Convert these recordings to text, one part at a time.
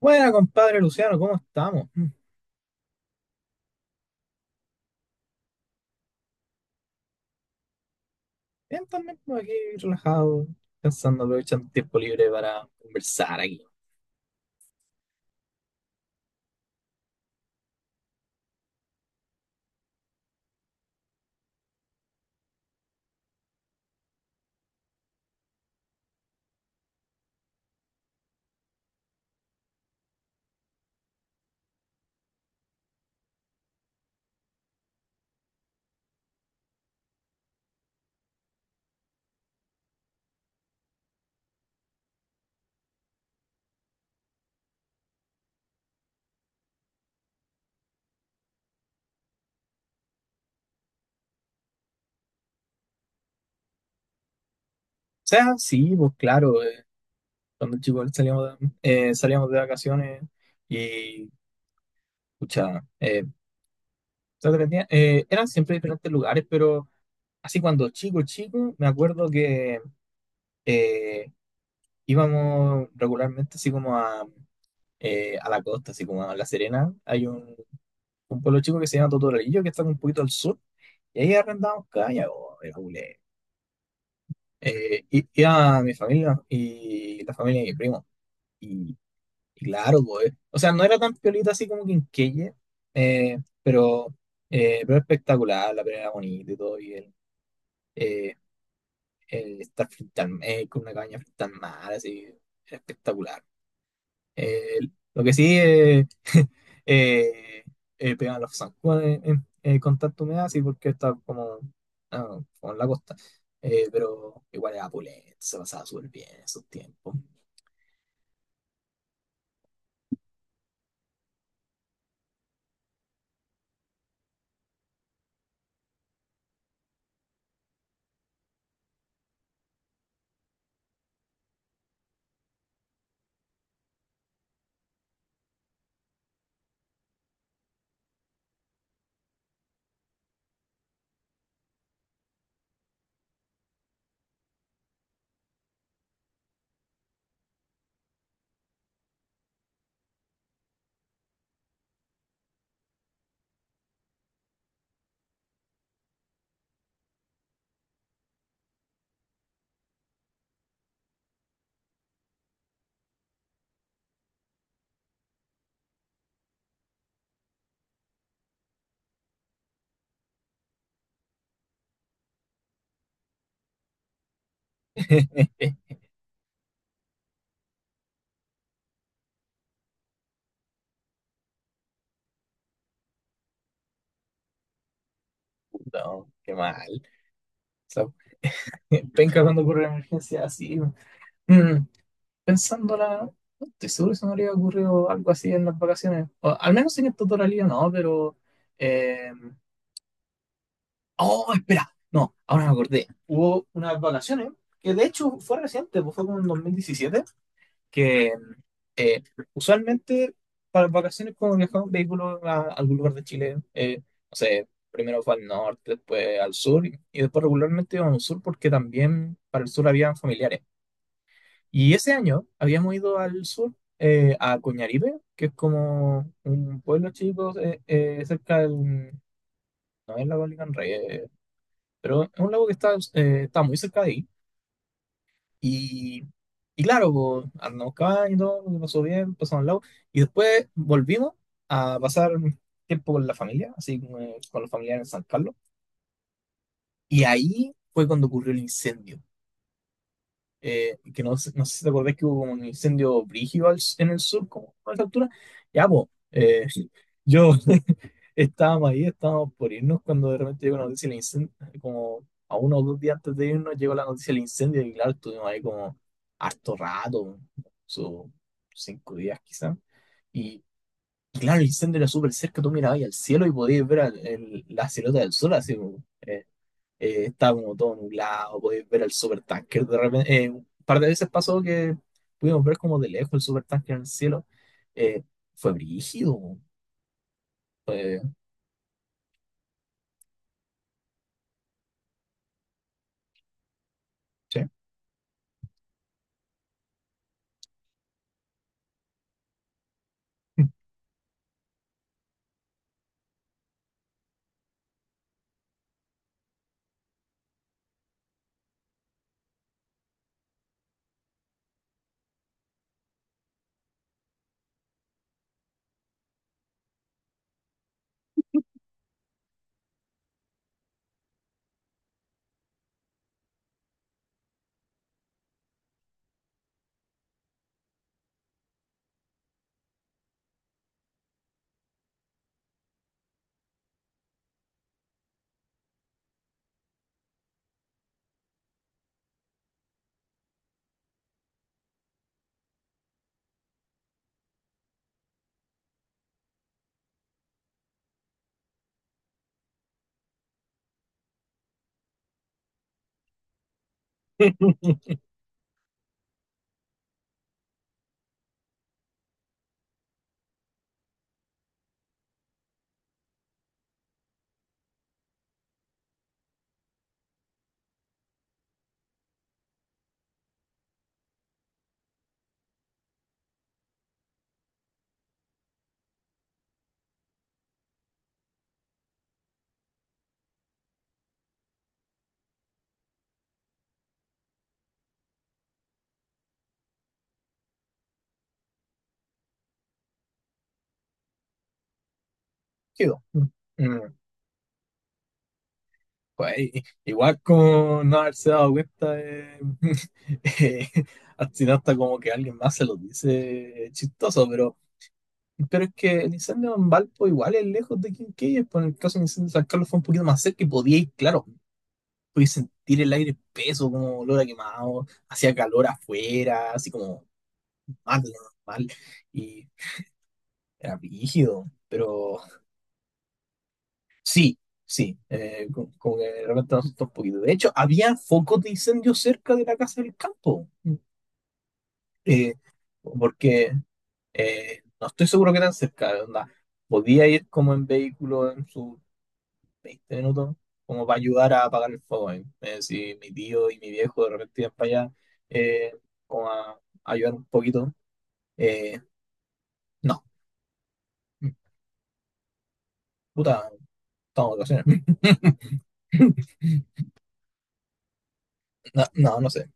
Buena, compadre Luciano, ¿cómo estamos? Mm, bien, también por aquí relajado, pensando, aprovechando el tiempo libre para conversar aquí. O sea, sí, pues claro, cuando chicos salíamos de vacaciones y, escucha, eran siempre diferentes lugares, pero así cuando chico, chico, me acuerdo que eh, íbamos regularmente así como a la costa, así como a La Serena. Hay un pueblo chico que se llama Totoralillo, que está un poquito al sur. Y ahí arrendamos caña, po, era culé. Iba mi familia y la familia de mi primo. Y, y claro, pues, o sea, no era tan piolita así como Quinquelle, eh, pero, pero espectacular, la pelea era bonita y todo. Eh, el estar con una caña frente al mar, así, era espectacular. Eh, lo que sí eh, pegan los zancudos con tanta humedad, sí, porque está como en la costa. Pero igual era opulento, se pasaba súper bien en esos tiempos. No, qué mal. O sea, penca cuando ocurre una emergencia así. Mm, pensándola, no estoy seguro si me habría ocurrido algo así en las vacaciones. O, al menos en esta totalidad no, pero eh, Oh, espera. No, ahora me acordé. Hubo unas vacaciones que de hecho fue reciente, pues fue como en 2017. Que eh, Usualmente para las vacaciones como viajaba en vehículo a algún lugar de Chile, no sé, primero fue al norte, después al sur, y después regularmente íbamos al sur porque también para el sur habían familiares. Y ese año habíamos ido al sur, a Coñaripe, que es como un pueblo chico cerca del... No es la Bolívar pero es un lago que está muy cerca de ahí. Y, y claro, pues, andamos caballo, todo, lo pasó bien, pasamos al lago. Y después volvimos a pasar tiempo con la familia, así como, con los familiares en San Carlos. Y ahí fue cuando ocurrió el incendio. Que no sé si te acordás que hubo como un incendio brígido en el sur, como a esa altura. Ya, pues, yo estábamos ahí, estábamos por irnos cuando de repente llegó la noticia del incendio, como a uno o dos días antes de irnos llegó la noticia del incendio y claro, estuvimos ahí como harto rato, sus cinco días quizás. Y, y claro, el incendio era súper cerca, tú mirabas ahí al cielo y podías ver la silueta del sol así, estaba como todo nublado, podéis ver el supertanker. De repente, un par de veces pasó que pudimos ver como de lejos el supertanker en el cielo. Eh, Fue brígido. Fue, sí. Brígido. Mm, pues, igual como no haberse dado cuenta eh, al final hasta como que alguien más se lo dice chistoso, pero es que el incendio en Valpo igual es lejos de Quinquellas, por el caso del incendio de San Carlos fue un poquito más cerca y podía ir, claro. Podía sentir el aire peso, como olor a quemado, hacía calor afuera, así como mal, normal, y era rígido, pero sí, sí, como, que de repente me asustó un poquito. De hecho, había focos de incendio cerca de la casa del campo, eh, porque no estoy seguro que tan cerca, onda, podía ir como en vehículo en su 20 minutos, como para ayudar a apagar el fuego ahí. Si mi tío y mi viejo de repente iban para allá, eh, como a ayudar un poquito. eh, no, puta, estamos de vacaciones. No, no, no sé.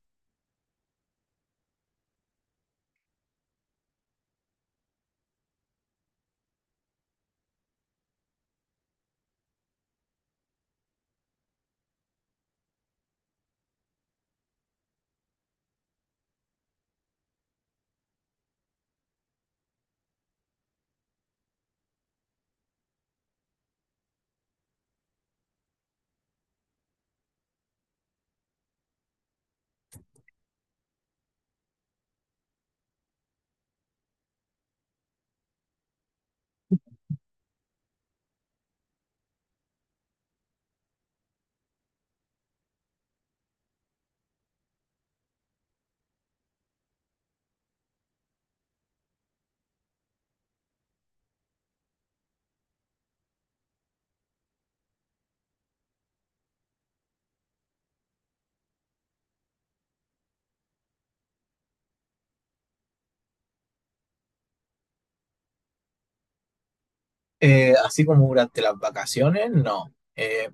Así como durante las vacaciones, no.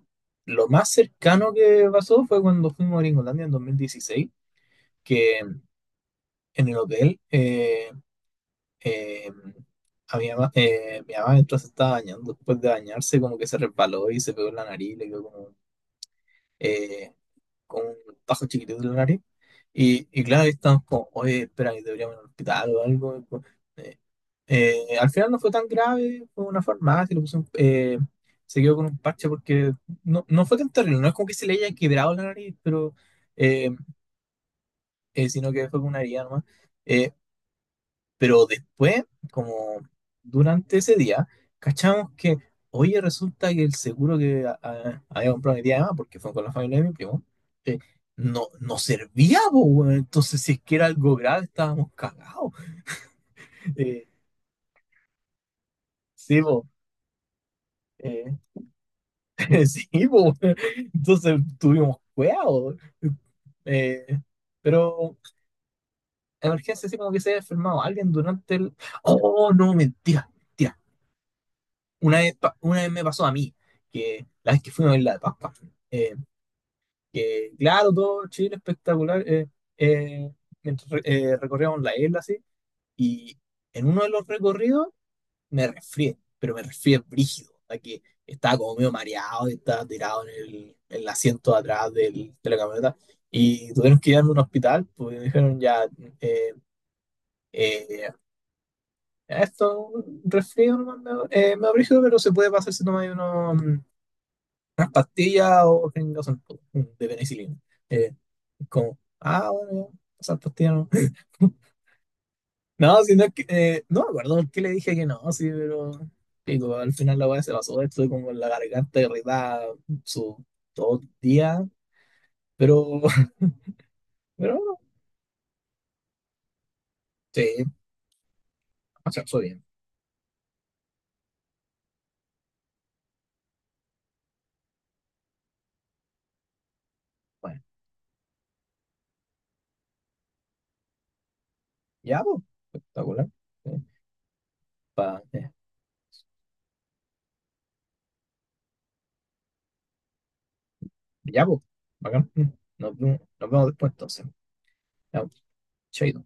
Lo más cercano que pasó fue cuando fuimos a Gringolandia en 2016, que en el hotel eh, a mi mamá mientras se estaba bañando, después de bañarse, como que se resbaló y se pegó en la nariz, le quedó como eh, con un bajo chiquitito de la nariz. Y claro, ahí estamos como, oye, espera, que deberíamos ir al hospital o algo, pues, eh, al final no fue tan grave, fue una farmacia, le puse un, se quedó con un parche porque no fue tan terrible, no es como que se le haya quebrado la nariz, pero eh, sino que fue con una herida nomás. Eh, pero después, como durante ese día, cachamos que, oye, resulta que el seguro que había comprado mi tía Emma, porque fue con la familia de mi primo, eh, no, no servía, po, weón. Entonces, si es que era algo grave, estábamos cagados. Eh, sí, po, eh, sí, po, weón. Entonces tuvimos cuidado. Eh, pero emergencia, sí, como que se había enfermado alguien durante el... Oh, no, mentira, mentira. Una vez, una vez me pasó a mí, que la vez que fuimos a Isla de Pascua, eh, que claro, todo Chile espectacular, eh, mientras recorríamos la isla así, y en uno de los recorridos me resfrié, pero me resfrié brígido, a que estaba como medio mareado y estaba tirado en el asiento de atrás de la camioneta, y tuvieron que llevarme a un hospital, porque me dijeron ya, eh, eh, esto, un resfrío, nomás, medio brígido, pero se puede pasar si tomas unos unas pastillas o tengas un poco de penicilina. Eh, Como, ah, bueno, ya, esas pastillas no. No, si no es que, no me acuerdo por qué le dije que no, sí, pero pico, al final la weá se pasó, estuve como con la garganta irritada su todo el día, pero, pero bueno, sí, o sea, fue bien. Bueno, ya, pues, espectacular. Sí, pa- eh, ya, pues, bacán. Mm, nos vemos, nos vemos después entonces. Ya, po, chaito.